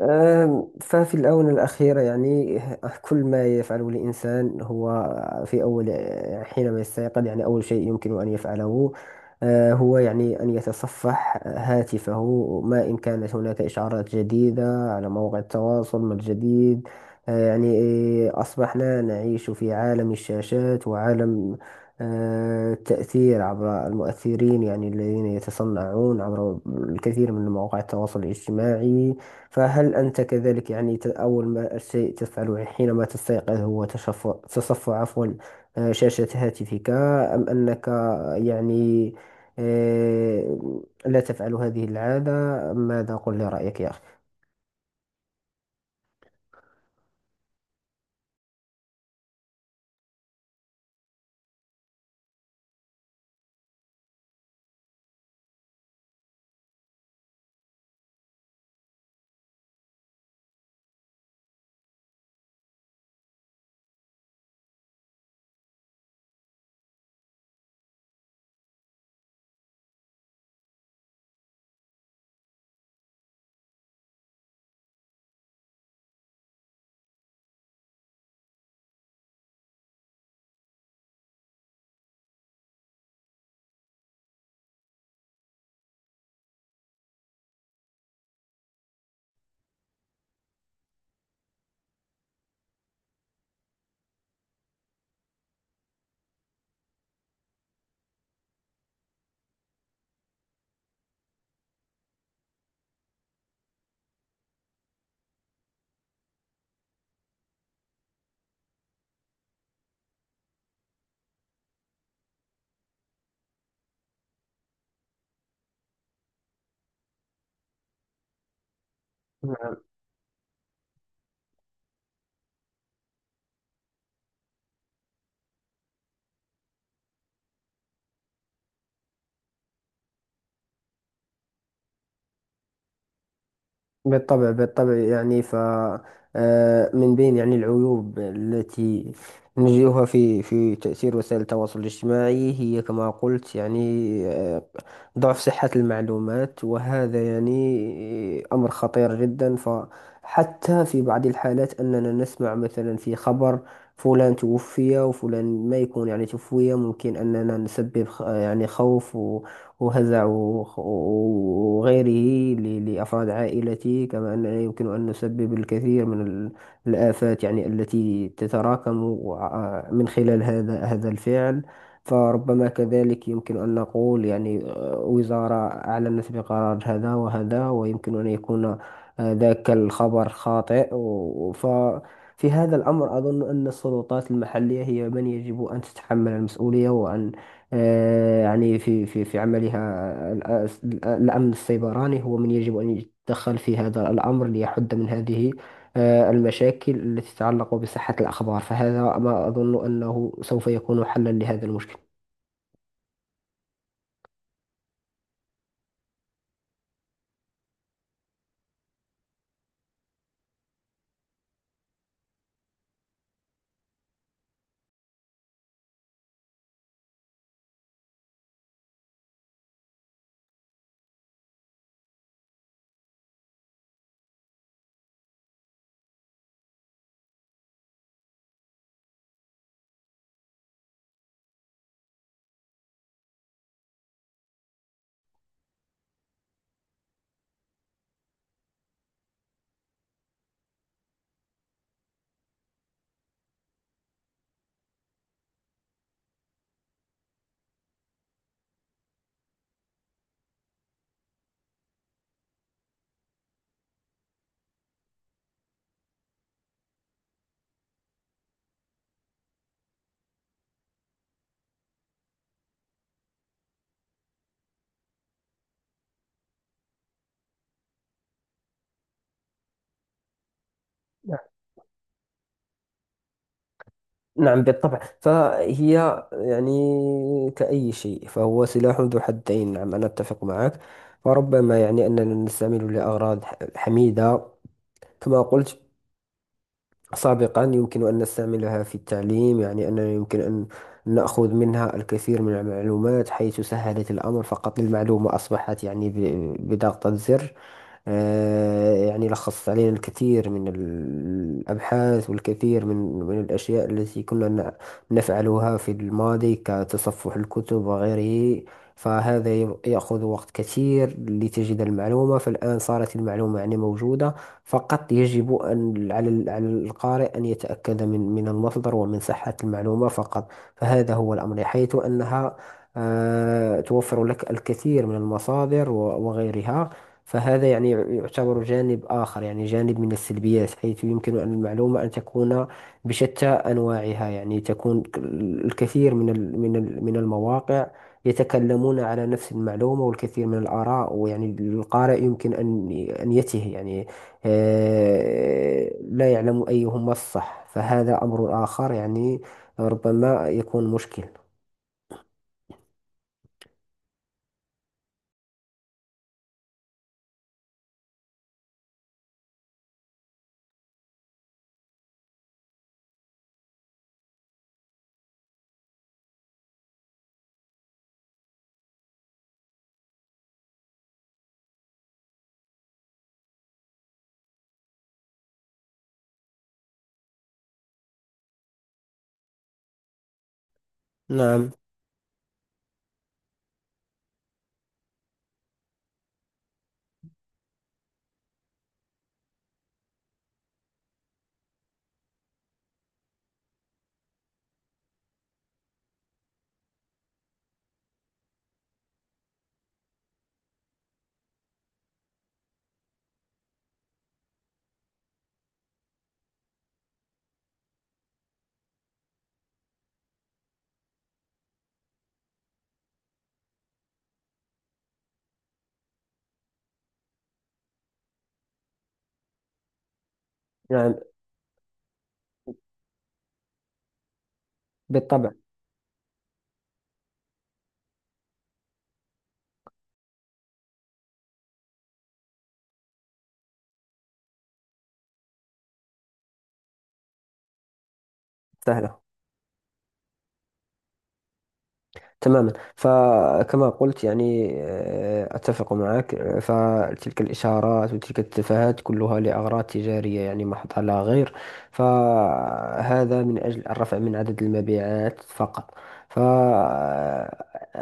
ففي الآونة الأخيرة يعني كل ما يفعله الإنسان هو في أول حينما يستيقظ يعني أول شيء يمكن أن يفعله، هو يعني أن يتصفح هاتفه ما إن كانت هناك إشعارات جديدة على مواقع التواصل ما الجديد. يعني إيه، أصبحنا نعيش في عالم الشاشات وعالم التأثير عبر المؤثرين يعني الذين يتصنعون عبر الكثير من مواقع التواصل الاجتماعي. فهل أنت كذلك يعني أول ما شيء تفعله حينما تستيقظ هو تشفع تصفع عفوا شاشة هاتفك، أم أنك يعني آه، لا تفعل هذه العادة؟ ماذا؟ قل لي رأيك يا أخي. بالطبع بالطبع يعني ف من بين يعني العيوب التي نجدها في تأثير وسائل التواصل الاجتماعي هي كما قلت يعني، آه، ضعف صحة المعلومات، وهذا يعني أمر خطير جدا، فحتى في بعض الحالات أننا نسمع مثلا في خبر فلان توفي وفلان ما يكون يعني توفي، ممكن أننا نسبب يعني خوف وهزع وغيره لأفراد عائلتي، كما أننا يمكن أن نسبب الكثير من الآفات يعني التي تتراكم من خلال هذا الفعل. فربما كذلك يمكن أن نقول يعني وزارة أعلنت بقرار هذا وهذا، ويمكن أن يكون ذاك الخبر خاطئ ف في هذا الأمر أظن أن السلطات المحلية هي من يجب أن تتحمل المسؤولية، وأن يعني في في عملها، الأمن السيبراني هو من يجب أن يتدخل في هذا الأمر ليحد من هذه المشاكل التي تتعلق بصحة الأخبار. فهذا ما أظن أنه سوف يكون حلا لهذا المشكل. نعم بالطبع فهي يعني كأي شيء، فهو سلاح ذو حدين. نعم أنا أتفق معك. فربما يعني أننا نستعمله لأغراض حميدة، كما قلت سابقا. يمكن أن نستعملها في التعليم، يعني أننا يمكن أن نأخذ منها الكثير من المعلومات حيث سهلت الأمر، فقط المعلومة أصبحت يعني بضغطة زر. يعني لخصت علينا الكثير من الأبحاث والكثير من من الأشياء التي كنا نفعلها في الماضي كتصفح الكتب وغيره. فهذا يأخذ وقت كثير لتجد المعلومة، فالآن صارت المعلومة يعني موجودة. فقط يجب أن على على القارئ أن يتأكد من من المصدر ومن صحة المعلومة فقط. فهذا هو الأمر، حيث أنها توفر لك الكثير من المصادر وغيرها. فهذا يعني يعتبر جانب آخر، يعني جانب من السلبيات، حيث يمكن أن المعلومة أن تكون بشتى أنواعها، يعني تكون الكثير من من من المواقع يتكلمون على نفس المعلومة والكثير من الآراء، ويعني القارئ يمكن أن أن يتيه يعني، لا يعلم أيهما الصح. فهذا أمر آخر يعني، ربما يكون مشكل. نعم. نعم. بالطبع. سهلة تماما. فكما قلت يعني أتفق معك. فتلك الإشارات وتلك التفاهات كلها لأغراض تجارية يعني محضة لا غير. فهذا من أجل الرفع من عدد المبيعات فقط. ف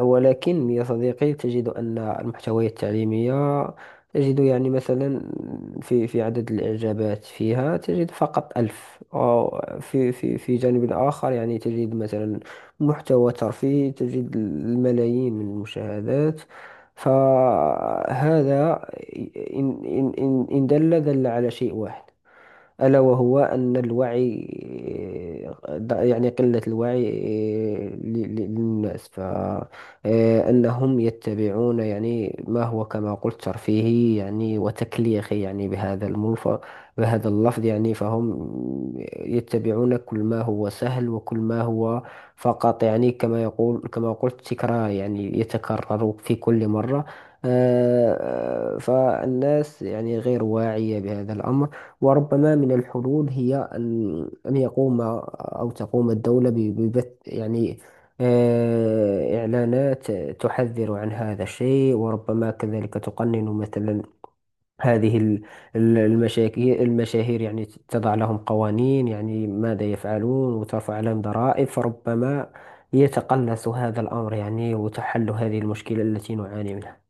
ولكن يا صديقي تجد أن المحتويات التعليمية تجد يعني مثلا في في عدد الإعجابات فيها تجد فقط ألف، أو في في جانب آخر يعني تجد مثلا محتوى ترفيهي تجد الملايين من المشاهدات. فهذا إن دل على شيء واحد، ألا وهو أن الوعي يعني قلة الوعي ل- للناس، فأنهم يتبعون يعني ما هو كما قلت ترفيهي يعني وتكليخي يعني بهذا الملف بهذا اللفظ يعني. فهم يتبعون كل ما هو سهل وكل ما هو فقط يعني، كما يقول كما قلت تكرار يعني يتكرر في كل مرة. فالناس يعني غير واعية بهذا الأمر. وربما من الحلول هي أن أن يقوم أو تقوم الدولة ببث يعني إعلانات تحذر عن هذا الشيء، وربما كذلك تقنن مثلا هذه المشاهير يعني، تضع لهم قوانين يعني ماذا يفعلون، وترفع عليهم ضرائب، فربما يتقلص هذا الأمر يعني وتحل هذه المشكلة التي نعاني منها.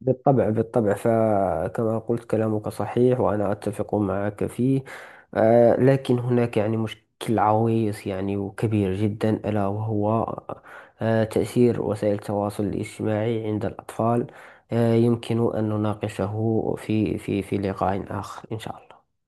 بالطبع بالطبع، فكما قلت كلامك صحيح وأنا أتفق معك فيه. لكن هناك يعني مشكل عويص يعني وكبير جدا، ألا وهو تأثير وسائل التواصل الاجتماعي عند الأطفال. يمكن أن نناقشه في في لقاء آخر إن شاء الله.